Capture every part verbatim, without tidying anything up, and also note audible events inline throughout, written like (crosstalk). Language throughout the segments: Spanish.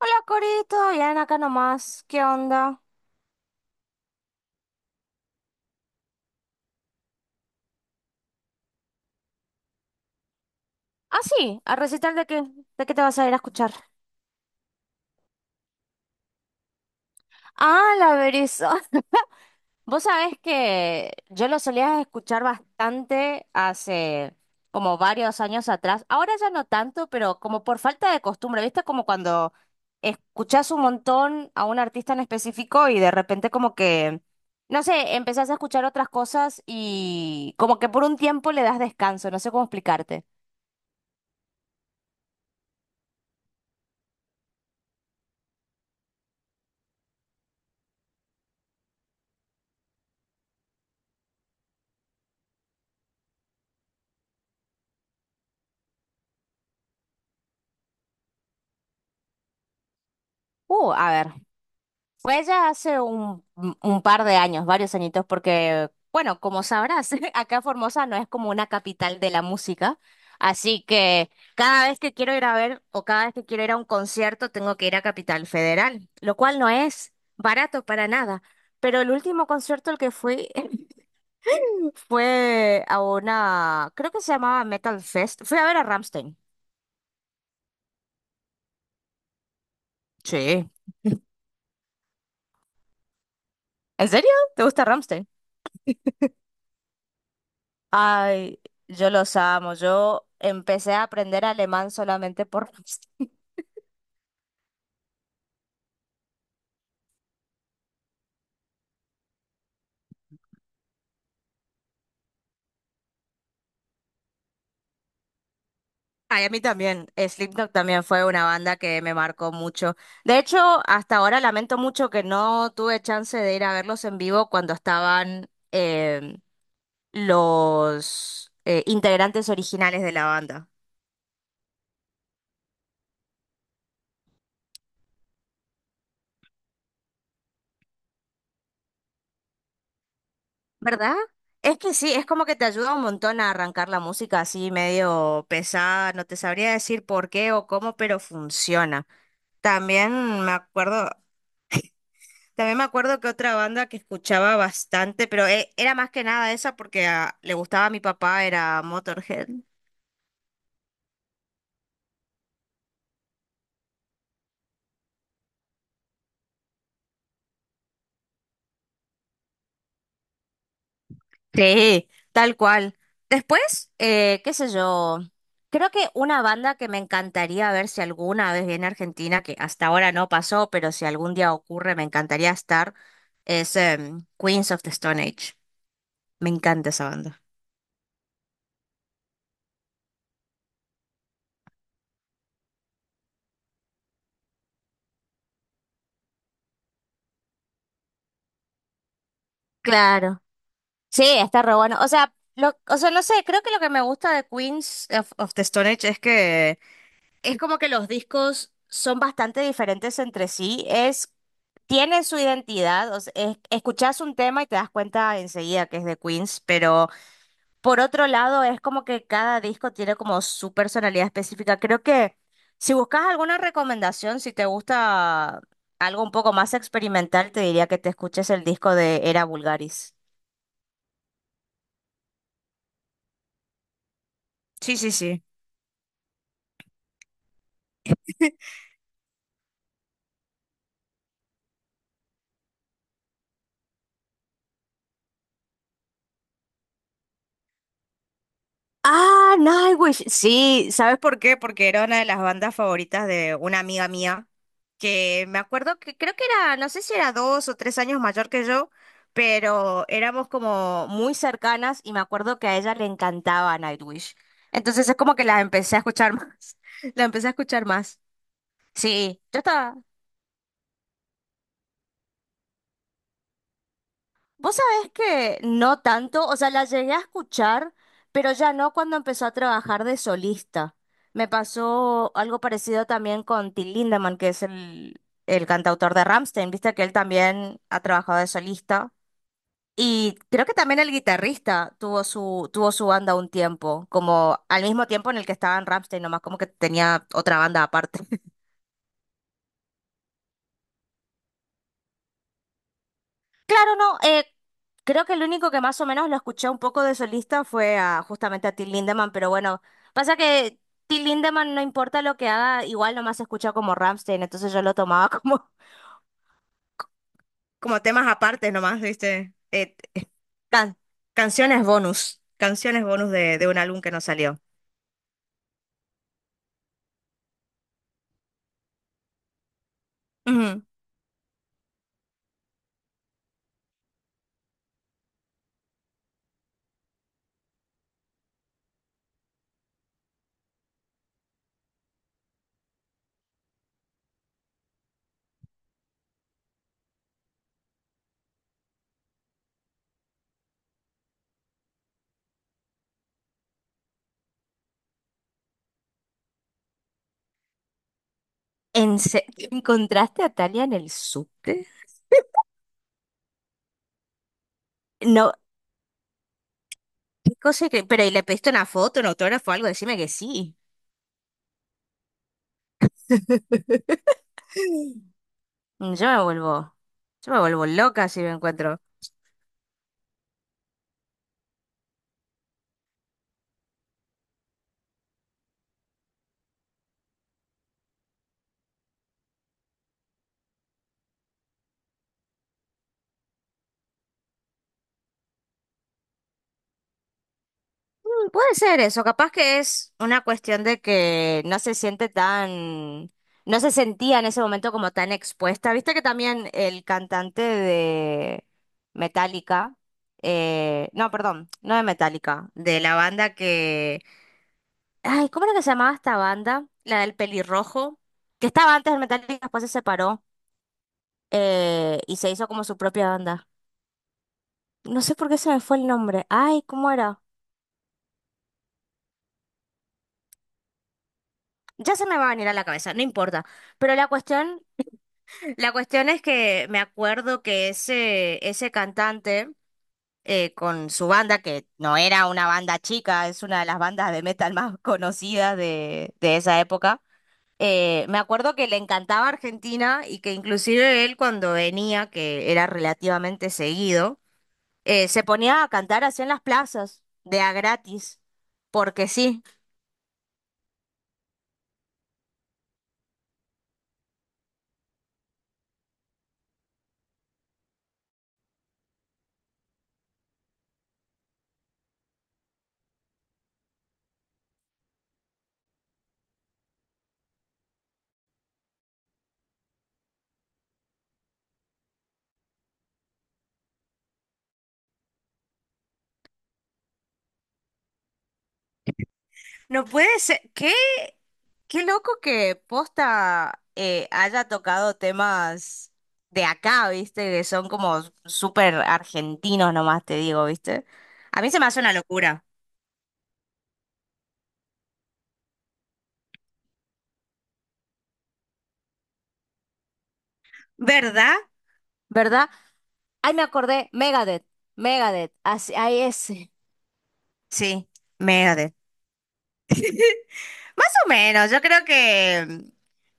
Hola, Corito, ya ven acá nomás. ¿Qué onda? Ah, sí, a recital de qué, de qué te vas a ir a escuchar. Ah, la Berizo. (laughs) Vos sabés que yo lo solía escuchar bastante hace como varios años atrás. Ahora ya no tanto, pero como por falta de costumbre, ¿viste? Como cuando escuchás un montón a un artista en específico y de repente como que, no sé, empezás a escuchar otras cosas y como que por un tiempo le das descanso, no sé cómo explicarte. Uh, a ver. Fue ya hace un, un par de años, varios añitos, porque, bueno, como sabrás, (laughs) acá Formosa no es como una capital de la música, así que cada vez que quiero ir a ver o cada vez que quiero ir a un concierto tengo que ir a Capital Federal, lo cual no es barato para nada. Pero el último concierto al que fui (laughs) fue a una, creo que se llamaba Metal Fest, fui a ver a Ramstein. Sí. ¿En serio? ¿Te gusta Ramstein? Ay, yo los amo. Yo empecé a aprender alemán solamente por... (laughs) Ay, a mí también. Eh, Slipknot también fue una banda que me marcó mucho. De hecho, hasta ahora lamento mucho que no tuve chance de ir a verlos en vivo cuando estaban em, los eh, integrantes originales de la banda. ¿Verdad? Es que sí, es como que te ayuda un montón a arrancar la música así medio pesada. No te sabría decir por qué o cómo, pero funciona. También me acuerdo, también me acuerdo que otra banda que escuchaba bastante, pero eh, era más que nada esa porque ah, le gustaba a mi papá, era Motorhead. Sí, tal cual. Después, eh, qué sé yo, creo que una banda que me encantaría ver si alguna vez viene a Argentina, que hasta ahora no pasó, pero si algún día ocurre, me encantaría estar, es em, Queens of the Stone Age. Me encanta esa banda. Claro, sí, está re bueno. O sea, lo, o sea, no sé, creo que lo que me gusta de Queens of, of the Stone Age es que es como que los discos son bastante diferentes entre sí. Es, tienen su identidad. O sea, es- escuchás un tema y te das cuenta enseguida que es de Queens, pero por otro lado es como que cada disco tiene como su personalidad específica. Creo que si buscas alguna recomendación, si te gusta algo un poco más experimental, te diría que te escuches el disco de Era Vulgaris. Sí, sí, sí. Ah, Nightwish. Sí, ¿sabes por qué? Porque era una de las bandas favoritas de una amiga mía. Que me acuerdo que creo que era, no sé si era dos o tres años mayor que yo, pero éramos como muy cercanas y me acuerdo que a ella le encantaba Nightwish. Entonces es como que la empecé a escuchar (laughs) más. La empecé a escuchar más. Sí, yo estaba. Vos sabés que no tanto, o sea, la llegué a escuchar, pero ya no cuando empezó a trabajar de solista. Me pasó algo parecido también con Till Lindemann, que es el, el cantautor de Rammstein, viste que él también ha trabajado de solista. Y creo que también el guitarrista tuvo su, tuvo su banda un tiempo, como al mismo tiempo en el que estaban Rammstein, nomás como que tenía otra banda aparte. (laughs) Claro, no, eh, creo que el único que más o menos lo escuché un poco de solista fue a, justamente a Till Lindemann, pero bueno, pasa que Till Lindemann no importa lo que haga, igual nomás se escucha como Rammstein, entonces yo lo tomaba como, (laughs) como temas aparte nomás, ¿viste? Eh, eh, can- canciones bonus, canciones bonus de, de un álbum que no salió. ¿En se- ¿Encontraste a Talia en el subte? (laughs) No, qué cosa que... Pero ¿y le pediste una foto, un autógrafo, algo? Decime que sí. (laughs) Yo me vuelvo... Yo me vuelvo loca si me encuentro. Mm, puede ser eso, capaz que es una cuestión de que no se siente tan... No se sentía en ese momento como tan expuesta. Viste que también el cantante de Metallica... eh, No, perdón, no de Metallica, de la banda que ay, ¿cómo era que se llamaba esta banda? La del pelirrojo, que estaba antes del Metallica, después se separó eh, y se hizo como su propia banda. No sé por qué se me fue el nombre. Ay, ¿cómo era? Ya se me va a venir a la cabeza, no importa. Pero la cuestión, la cuestión es que me acuerdo que ese, ese cantante eh, con su banda, que no era una banda chica, es una de las bandas de metal más conocidas de, de esa época. Eh, me acuerdo que le encantaba Argentina y que inclusive él cuando venía, que era relativamente seguido, eh, se ponía a cantar así en las plazas, de a gratis, porque sí. No puede ser, qué, qué loco que Posta eh, haya tocado temas de acá, ¿viste? Que son como súper argentinos nomás, te digo, ¿viste? A mí se me hace una locura, ¿verdad? ¿Verdad? Ay, me acordé, Megadeth, Megadeth, así, ahí es. Sí, Megadeth. Más o menos, yo creo que mm,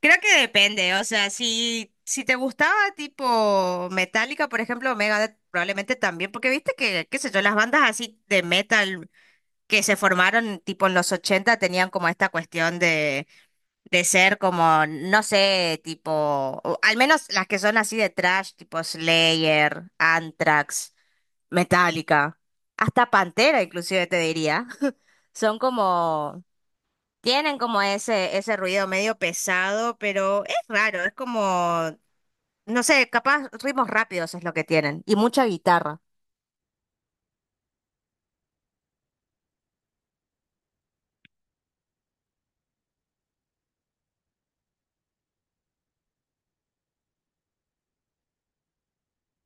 creo que depende, o sea, si si te gustaba tipo Metallica, por ejemplo, Megadeth probablemente también, porque viste que qué sé yo, las bandas así de metal que se formaron tipo en los ochenta tenían como esta cuestión de de ser como no sé, tipo o al menos las que son así de trash, tipo Slayer, Anthrax, Metallica, hasta Pantera inclusive te diría. (laughs) Son como tienen como ese, ese ruido medio pesado, pero es raro, es como, no sé, capaz ritmos rápidos es lo que tienen. Y mucha guitarra.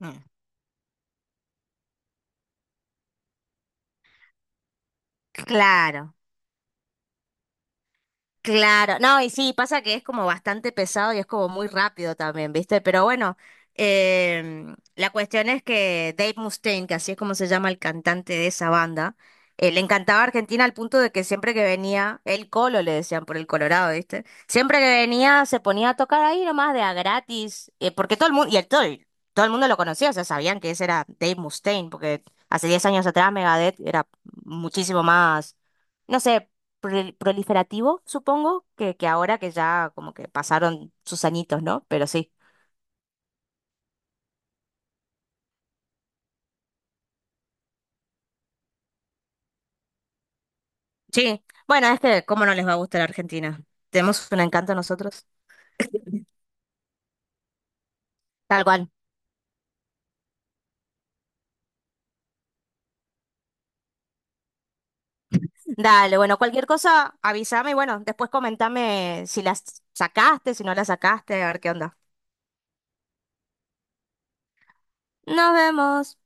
Mm. Claro. Claro, no, y sí, pasa que es como bastante pesado y es como muy rápido también, ¿viste? Pero bueno, em, la cuestión es que Dave Mustaine, que así es como se llama el cantante de esa banda, eh, le encantaba Argentina al punto de que siempre que venía, el Colo le decían por el Colorado, ¿viste? Siempre que venía se ponía a tocar ahí nomás de a gratis, eh, porque todo el mundo, y el, todo, el- todo el mundo lo conocía, o sea, sabían que ese era Dave Mustaine, porque hace diez años atrás Megadeth era muchísimo más no sé, prol- proliferativo, supongo, que, que ahora que ya como que pasaron sus añitos, ¿no? Pero sí. Sí, bueno, es que cómo no les va a gustar Argentina. Tenemos un encanto nosotros. Tal cual. Dale, bueno, cualquier cosa, avísame y bueno, después comentame si las sacaste, si no las sacaste, a ver qué onda. Nos vemos.